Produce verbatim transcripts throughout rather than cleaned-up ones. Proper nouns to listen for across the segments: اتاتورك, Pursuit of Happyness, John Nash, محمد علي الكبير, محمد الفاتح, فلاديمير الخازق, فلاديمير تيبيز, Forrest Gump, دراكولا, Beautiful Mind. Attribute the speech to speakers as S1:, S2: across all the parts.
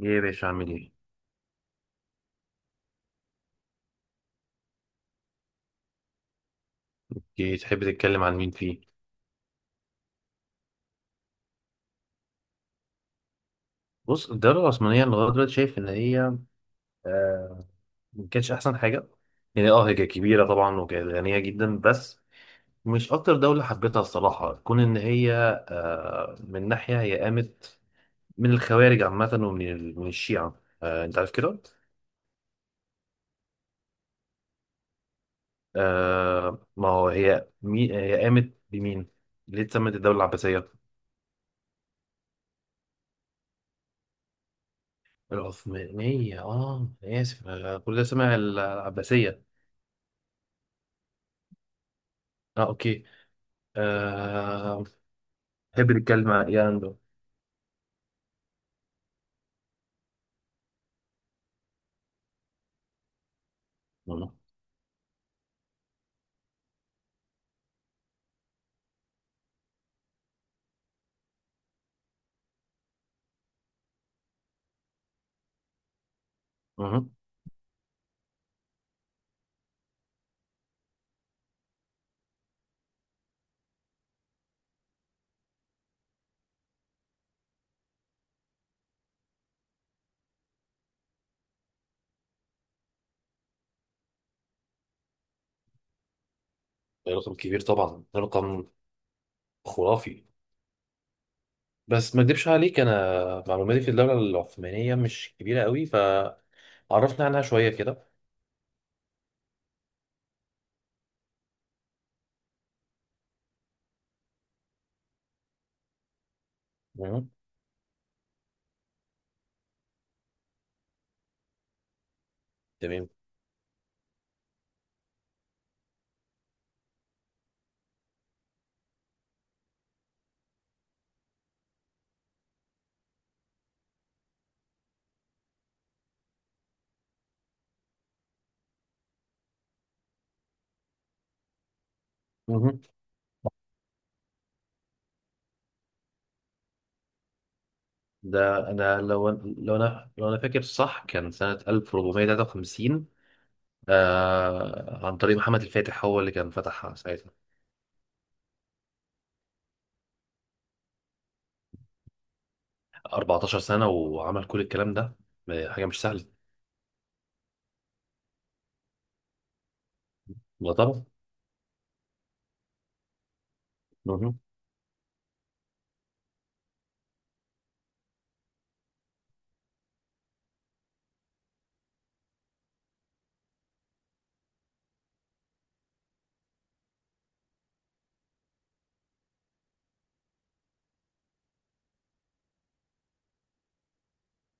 S1: ايه يا باشا عامل ايه؟ إيه، تحب تتكلم عن مين فيه؟ بص الدولة العثمانية لغاية دلوقتي شايف إن هي آه ما كانتش أحسن حاجة. يعني اه هي كانت كبيرة طبعا وكانت غنية جدا، بس مش أكتر دولة حبيتها الصراحة، كون إن هي آه من ناحية هي قامت من الخوارج عامة ومن ال- من الشيعة، آه أنت عارف كده؟ آه، ما هو هي مي هي قامت بمين؟ ليه اتسمت الدولة العباسية؟ العثمانية، اه. أنا آسف، أنا كل ده سامع العباسية. اه، اوكي. آه، بحب نتكلم عن إيرلندا. مهم. مهم. ده رقم كبير طبعا، ده رقم خرافي. بس ما اكدبش عليك، انا معلوماتي في الدولة العثمانية مش كبيرة قوي، فعرفنا عنها شوية كده. مهم. تمام. مهم. ده انا لو لو انا لو انا فاكر صح كان سنة ألف وأربعمية وتلاتة وخمسين. آه، عن طريق محمد الفاتح، هو اللي كان فتحها ساعتها. أربعتاشر سنة وعمل كل الكلام ده، حاجة مش سهلة. لا طبعا. مهم.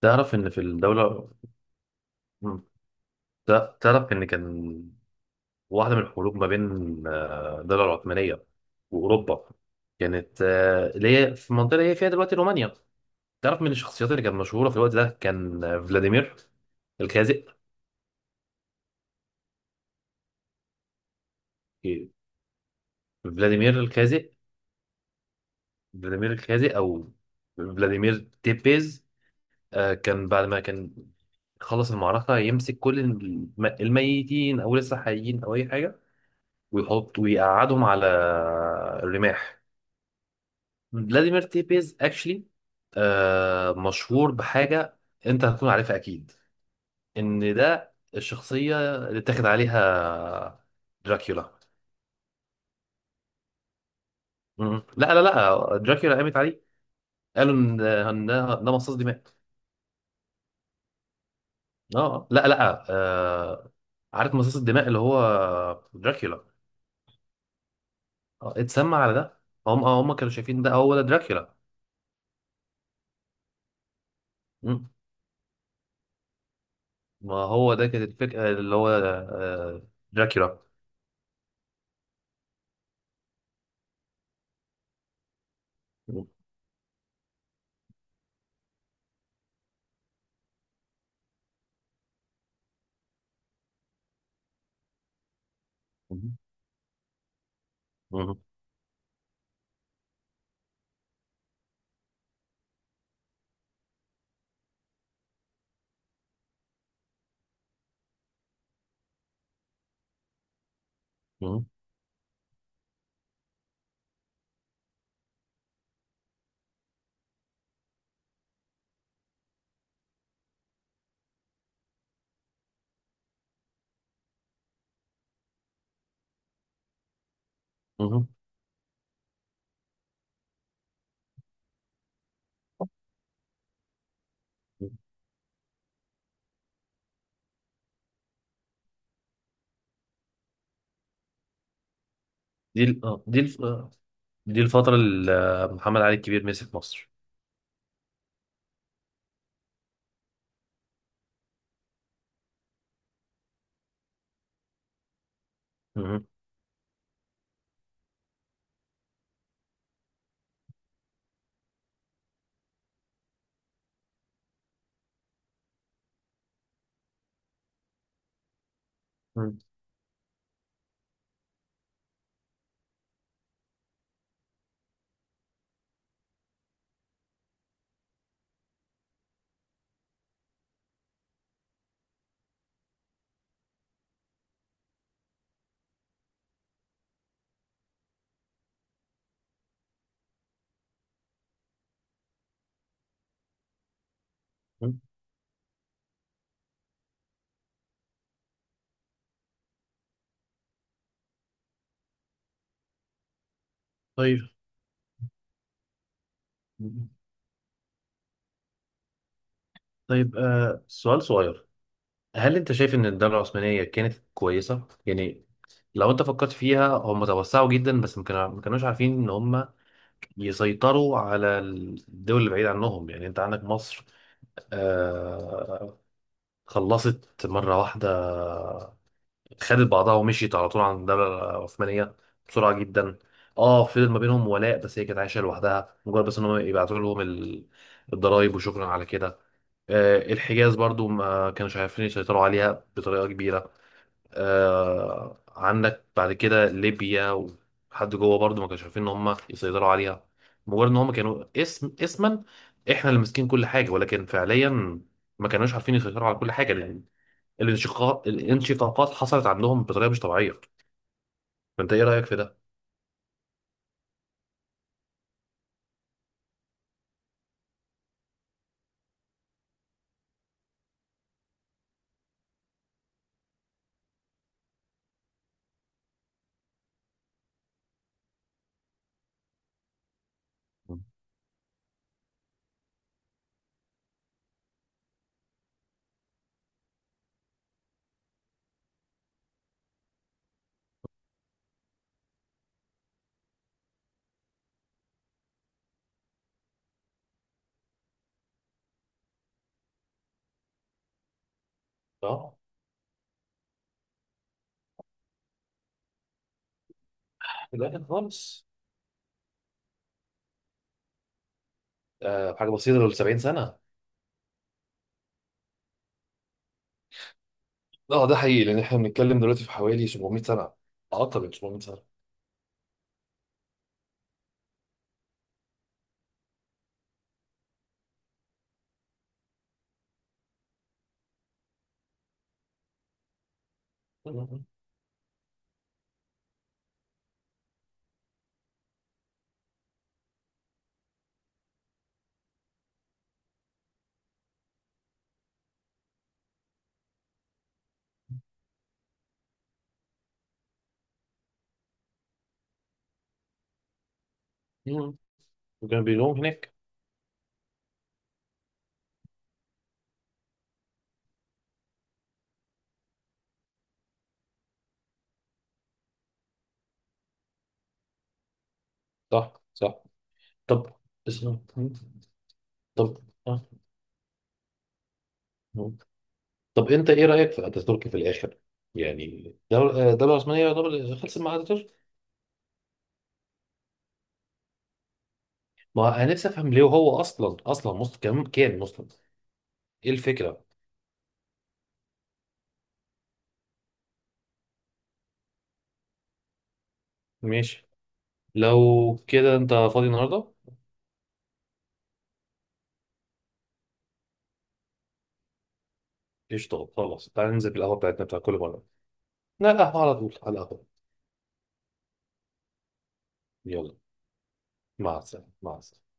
S1: تعرف ان في الدولة. تعرف تعرف إن كان واحدة من الحروب ما بين آه، الدولة العثمانية وأوروبا، كانت آه، اللي هي في المنطقة اللي هي فيها دلوقتي رومانيا. تعرف من الشخصيات اللي كانت مشهورة في الوقت ده كان آه، فلاديمير الخازق. إيه، فلاديمير الخازق، فلاديمير الخازق أو فلاديمير تيبيز. آه، كان بعد ما كان خلص المعركة يمسك كل الم- الميتين أو لسه حيين أو أي حاجة، ويحط ويقعدهم على الرماح. فلاديمير تيبيز اكشلي، آه مشهور بحاجه انت هتكون عارفها اكيد، ان ده الشخصيه اللي اتاخد عليها دراكولا. مم. لا لا لا، دراكولا قامت عليه، قالوا ان إن ده ده مصاص دماء. اه، لا لا. آه، عارف مصاص الدماء اللي هو دراكولا؟ آه، اتسمى على ده. هم آه، هم كانوا شايفين ده هو ده دراكولا. مم. ما هو ده كانت الفكره، اللي هو آه دراكولا. مم. مم. مم. مم. دي ال- آه، دي الف... آه، دي الفترة اللي آه، محمد علي الكبير مسك مصر. مهم. مهم. طيب. طيب، آه سؤال صغير. هل انت شايف ان الدولة العثمانية كانت كويسة؟ يعني لو انت فكرت فيها، هم توسعوا جدا بس ما كانوا- ما كانوش عارفين ان هم يسيطروا على الدول اللي بعيد عنهم. يعني انت عندك مصر، آه، خلصت مرة واحدة، خدت بعضها ومشيت على طول عن الدولة العثمانية بسرعة جدا. اه، فضل ما بينهم ولاء بس هي كانت عايشة لوحدها، مجرد بس ان هم يبعتوا لهم ال- الضرايب وشكرا على كده. آه، الحجاز برضو ما كانوش عارفين يسيطروا عليها بطريقة كبيرة. آه، عندك بعد كده ليبيا وحد جوه برضو ما كانوش عارفين ان هم يسيطروا عليها، مجرد ان هم كانوا اسم اسما. احنا اللي ماسكين كل حاجة، ولكن فعليا ما كانوش عارفين يسيطروا على كل حاجة. الانشقاق، الانشقاقات حصلت عندهم بطريقه مش طبيعيه. فانت ايه رايك في ده؟ مم. اه، في الاخر خالص. آه، حاجه بسيطه لو سبعين سنه. اه ده حقيقي، لان احنا بنتكلم دلوقتي في حوالي سبعمية سنه، اكتر من سبعمية سنه. مم. مم. وكانوا بيلوم هناك. صح صح. طب بس- مم. طب آه. مم. طب انت ايه رايك في اتاتورك في الاخر؟ يعني الدوله الدوله العثمانيه يعتبر خلصت مع اتاتورك. ما انا نفسي افهم ليه، هو اصلا اصلا مسلم، كان كان مسلم. ايه الفكره؟ ماشي. لو كده انت فاضي النهارده؟ قشطة خلاص، تعالى ننزل القهوة بتاعتنا بتاع كل مرة. لا القهوة، على طول على القهوة. يلا. مع السلامة، مع السلامة.